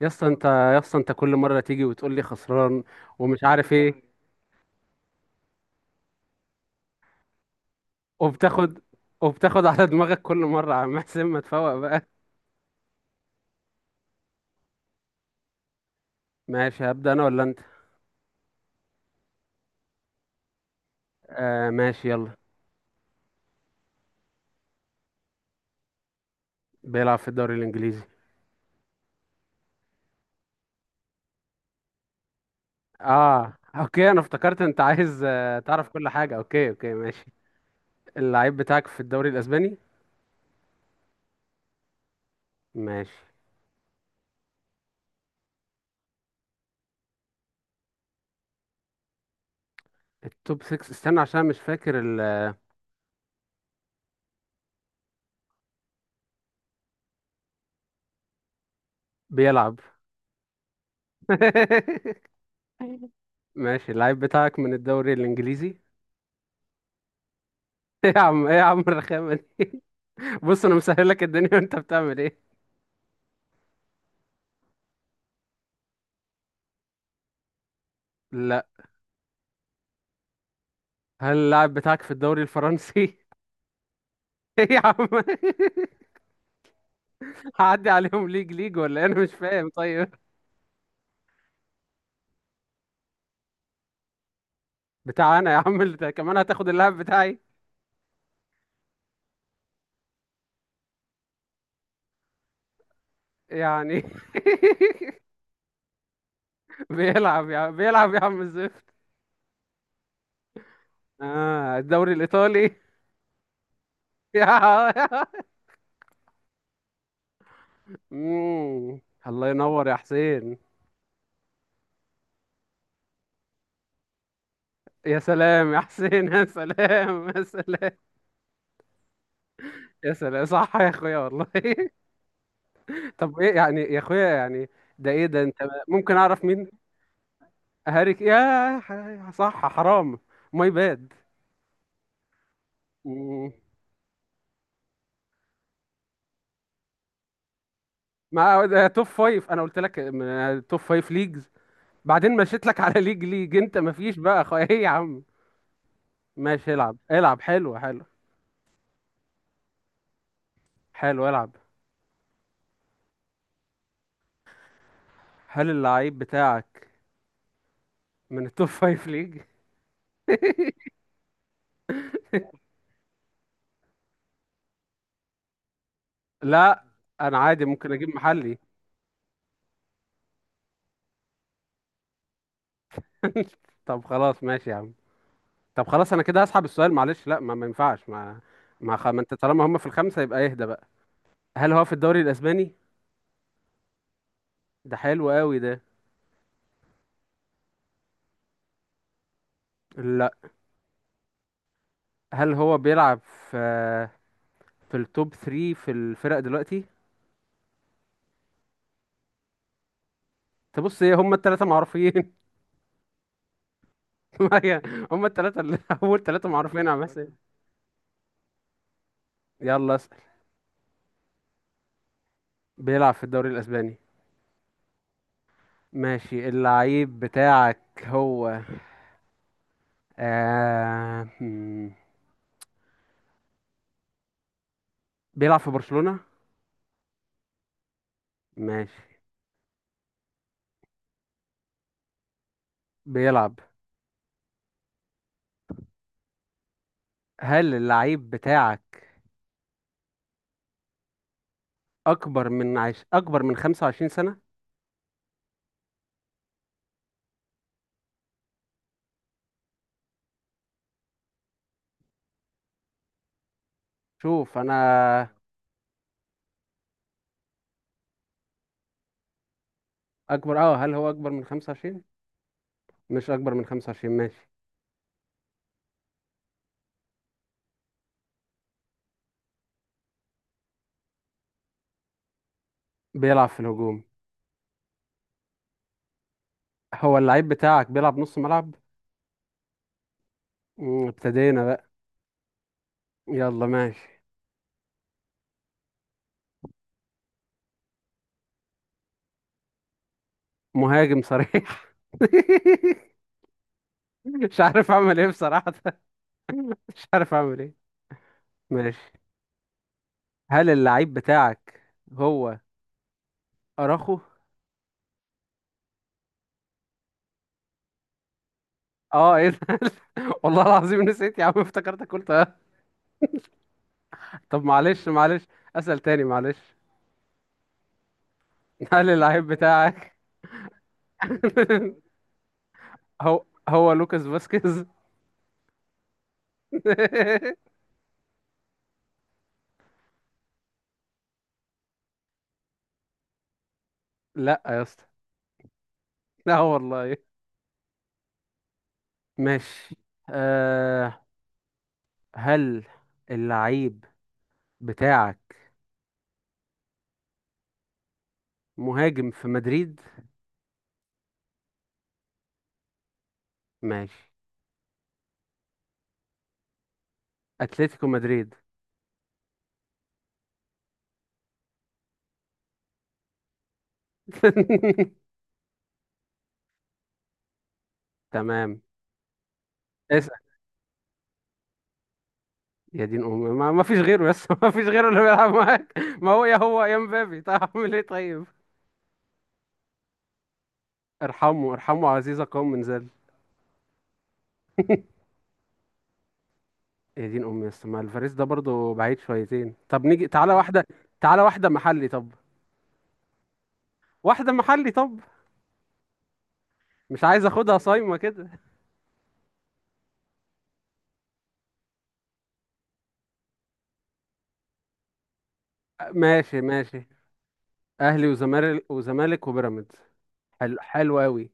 يا اسطى انت كل مره تيجي وتقول لي خسران ومش عارف ايه وبتاخد وبتاخد على دماغك كل مره عم حسين ما تفوق بقى. ماشي، هبدا انا ولا انت؟ آه ماشي يلا. بيلعب في الدوري الانجليزي. اه اوكي، انا افتكرت انت عايز تعرف كل حاجه. اوكي اوكي ماشي. اللعيب بتاعك في الدوري الاسباني؟ ماشي. التوب 6، استنى عشان مش فاكر بيلعب. ماشي، اللعيب بتاعك من الدوري الانجليزي؟ ايه يا عم، ايه يا عم الرخامه دي. بص انا مسهل لك الدنيا، وانت بتعمل ايه؟ لا. هل اللاعب بتاعك في الدوري الفرنسي؟ ايه يا عم. هعدي عليهم ليج ليج ولا إيه؟ انا مش فاهم. طيب بتاع انا يا عم، اللي ده كمان هتاخد اللاعب بتاعي؟ يعني. بيلعب يا عم، بيلعب يا عم الزفت. اه، الدوري الايطالي؟ يا مم. الله ينور يا حسين. يا سلام يا حسين، يا سلام يا سلام. يا سلام صح يا اخويا والله. طب ايه يعني يا اخويا يعني؟ ده ايه ده انت. ممكن اعرف مين؟ هاريك يا صح. حرام، ماي باد. مم. ما ده توب فايف، انا قلت لك توب فايف ليجز. بعدين مشيت لك على ليج ليج، انت مفيش بقى ايه يا عم. ماشي، العب العب. حلو حلو، حلو العب. هل اللعيب بتاعك من التوب فايف ليج؟ لا انا عادي ممكن اجيب محلي. طب خلاص ماشي يا عم. طب خلاص انا كده هسحب السؤال، معلش. لا ما ينفعش. ما انت طالما هم في الخمسه يبقى اهدى بقى. هل هو في الدوري الاسباني؟ ده حلو قوي ده. لا. هل هو بيلعب في في التوب 3 في الفرق دلوقتي؟ تبص ايه، هم الثلاثه معروفين. ما هي هم الثلاثه اللي اول ثلاثه معروفين، يا عم اسال. يلا اسال. بيلعب في الدوري الاسباني؟ ماشي. اللعيب بتاعك هو آه... هم، بيلعب في برشلونة؟ ماشي. بيلعب. هل اللعيب بتاعك اكبر من اكبر من 25 سنة؟ شوف انا، اكبر اه. هل هو اكبر من 25؟ مش اكبر من 25، ماشي. بيلعب في الهجوم. هو اللعيب بتاعك بيلعب نص ملعب؟ مم، ابتدينا بقى. يلا ماشي. مهاجم صريح؟ مش عارف اعمل ايه بصراحة. مش عارف اعمل ايه. ماشي، هل اللعيب بتاعك هو اراخو؟ اه ايه ده. والله العظيم نسيت يا عم، افتكرتك قلت اه. طب معلش معلش، اسأل تاني معلش. هل اللعيب بتاعك هو لوكاس فاسكيز؟ لا يا اسطى، لا والله. ماشي. أه، هل اللعيب بتاعك مهاجم في مدريد؟ ماشي. اتلتيكو مدريد. تمام. اسأل. يا دين امي، ما فيش غيره يس. ما فيش غيره اللي بيلعب معاك، ما هو يا هو يا مبابي، طيب اعمل ايه طيب. ارحمه ارحمه، عزيزة قوم من ذل. يا دين امي بس، ما الفاريز ده برضه بعيد شويتين. طب نيجي تعالى واحده. تعالى واحده محلي طب. واحده محلي طب. مش عايز اخدها صايمه كده. ماشي ماشي. اهلي وزمالك، وزمالك وبيراميدز. حلو، حلو قوي.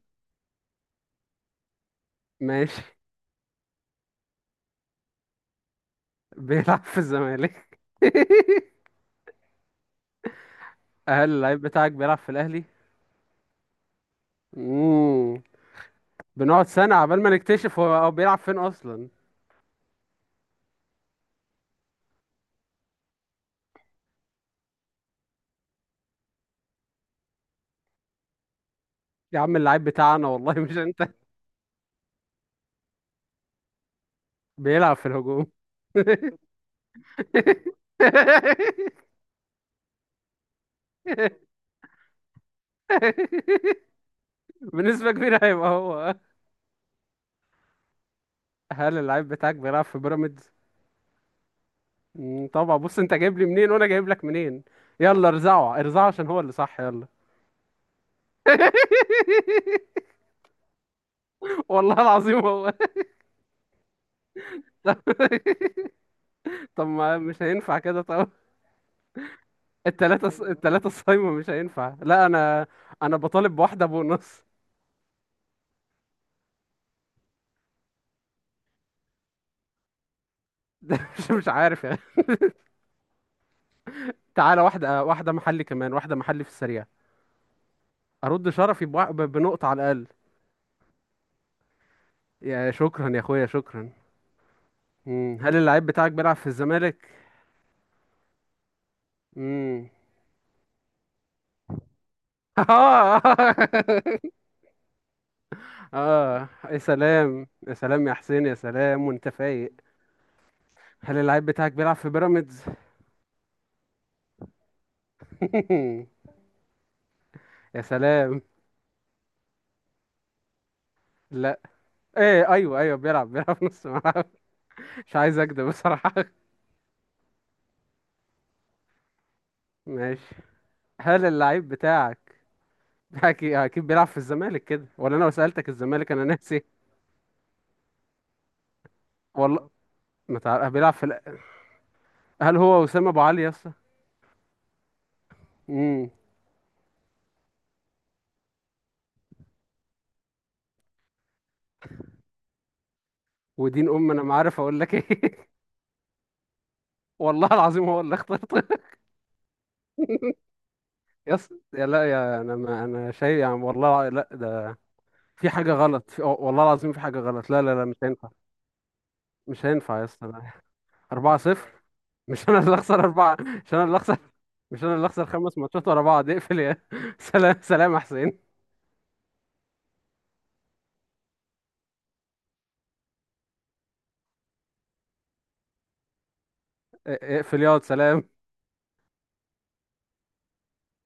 ماشي. بيلعب في الزمالك. هل اللعيب بتاعك بيلعب في الاهلي؟ امم. بنقعد سنه عبال ما نكتشف هو بيلعب فين اصلا. يا عم اللعيب بتاعنا والله مش انت. بيلعب في الهجوم. بنسبة كبيرة هيبقى هو. هل اللعيب بتاعك بيلعب في بيراميدز؟ مم، طبعا. بص، انت جايب لي منين وانا جايب لك منين؟ يلا ارزعه ارزعه عشان هو اللي صح، يلا. والله العظيم هو. طب ما مش هينفع كده طب. التلاتة التلاتة الصايمة مش هينفع، لا. انا انا بطالب بواحدة بونص. ده مش عارف يعني. تعالى واحدة، واحدة محلي كمان، واحدة محلي في السريع. ارد شرفي بنقطة على الاقل. يا شكرا يا اخويا شكرا. مم، هل اللعيب بتاعك بيلعب في الزمالك؟ امم. اه اه يا سلام، يا سلام يا حسين، يا سلام وانت فايق. هل اللعيب بتاعك بيلعب في بيراميدز؟ يا سلام. لا. ايه، ايوه ايوه، بيلعب بيلعب نص ملعب. مش عايز اكدب بصراحة. ماشي. هل اللعيب بتاعك اكيد اكيد بيلعب في الزمالك كده، ولا انا لو سألتك الزمالك انا ناسي؟ والله ما تعرف بيلعب في هل هو وسام ابو علي يا اسطى؟ امم. ودين ام، انا ما عارف اقول لك ايه. والله العظيم هو اللي اخترت. يس يا لا يا، انا ما انا شايف يعني والله، لا ده في حاجه غلط والله العظيم في حاجه غلط. لا لا لا، مش هينفع. مش هينفع يا اسطى، لا. 4-0. مش انا اللي اخسر اربعه. مش انا اللي اخسر. مش انا اللي اخسر خمس ماتشات ورا بعض. اقفل يا سلام سلام يا حسين. اقفل ياض سلام.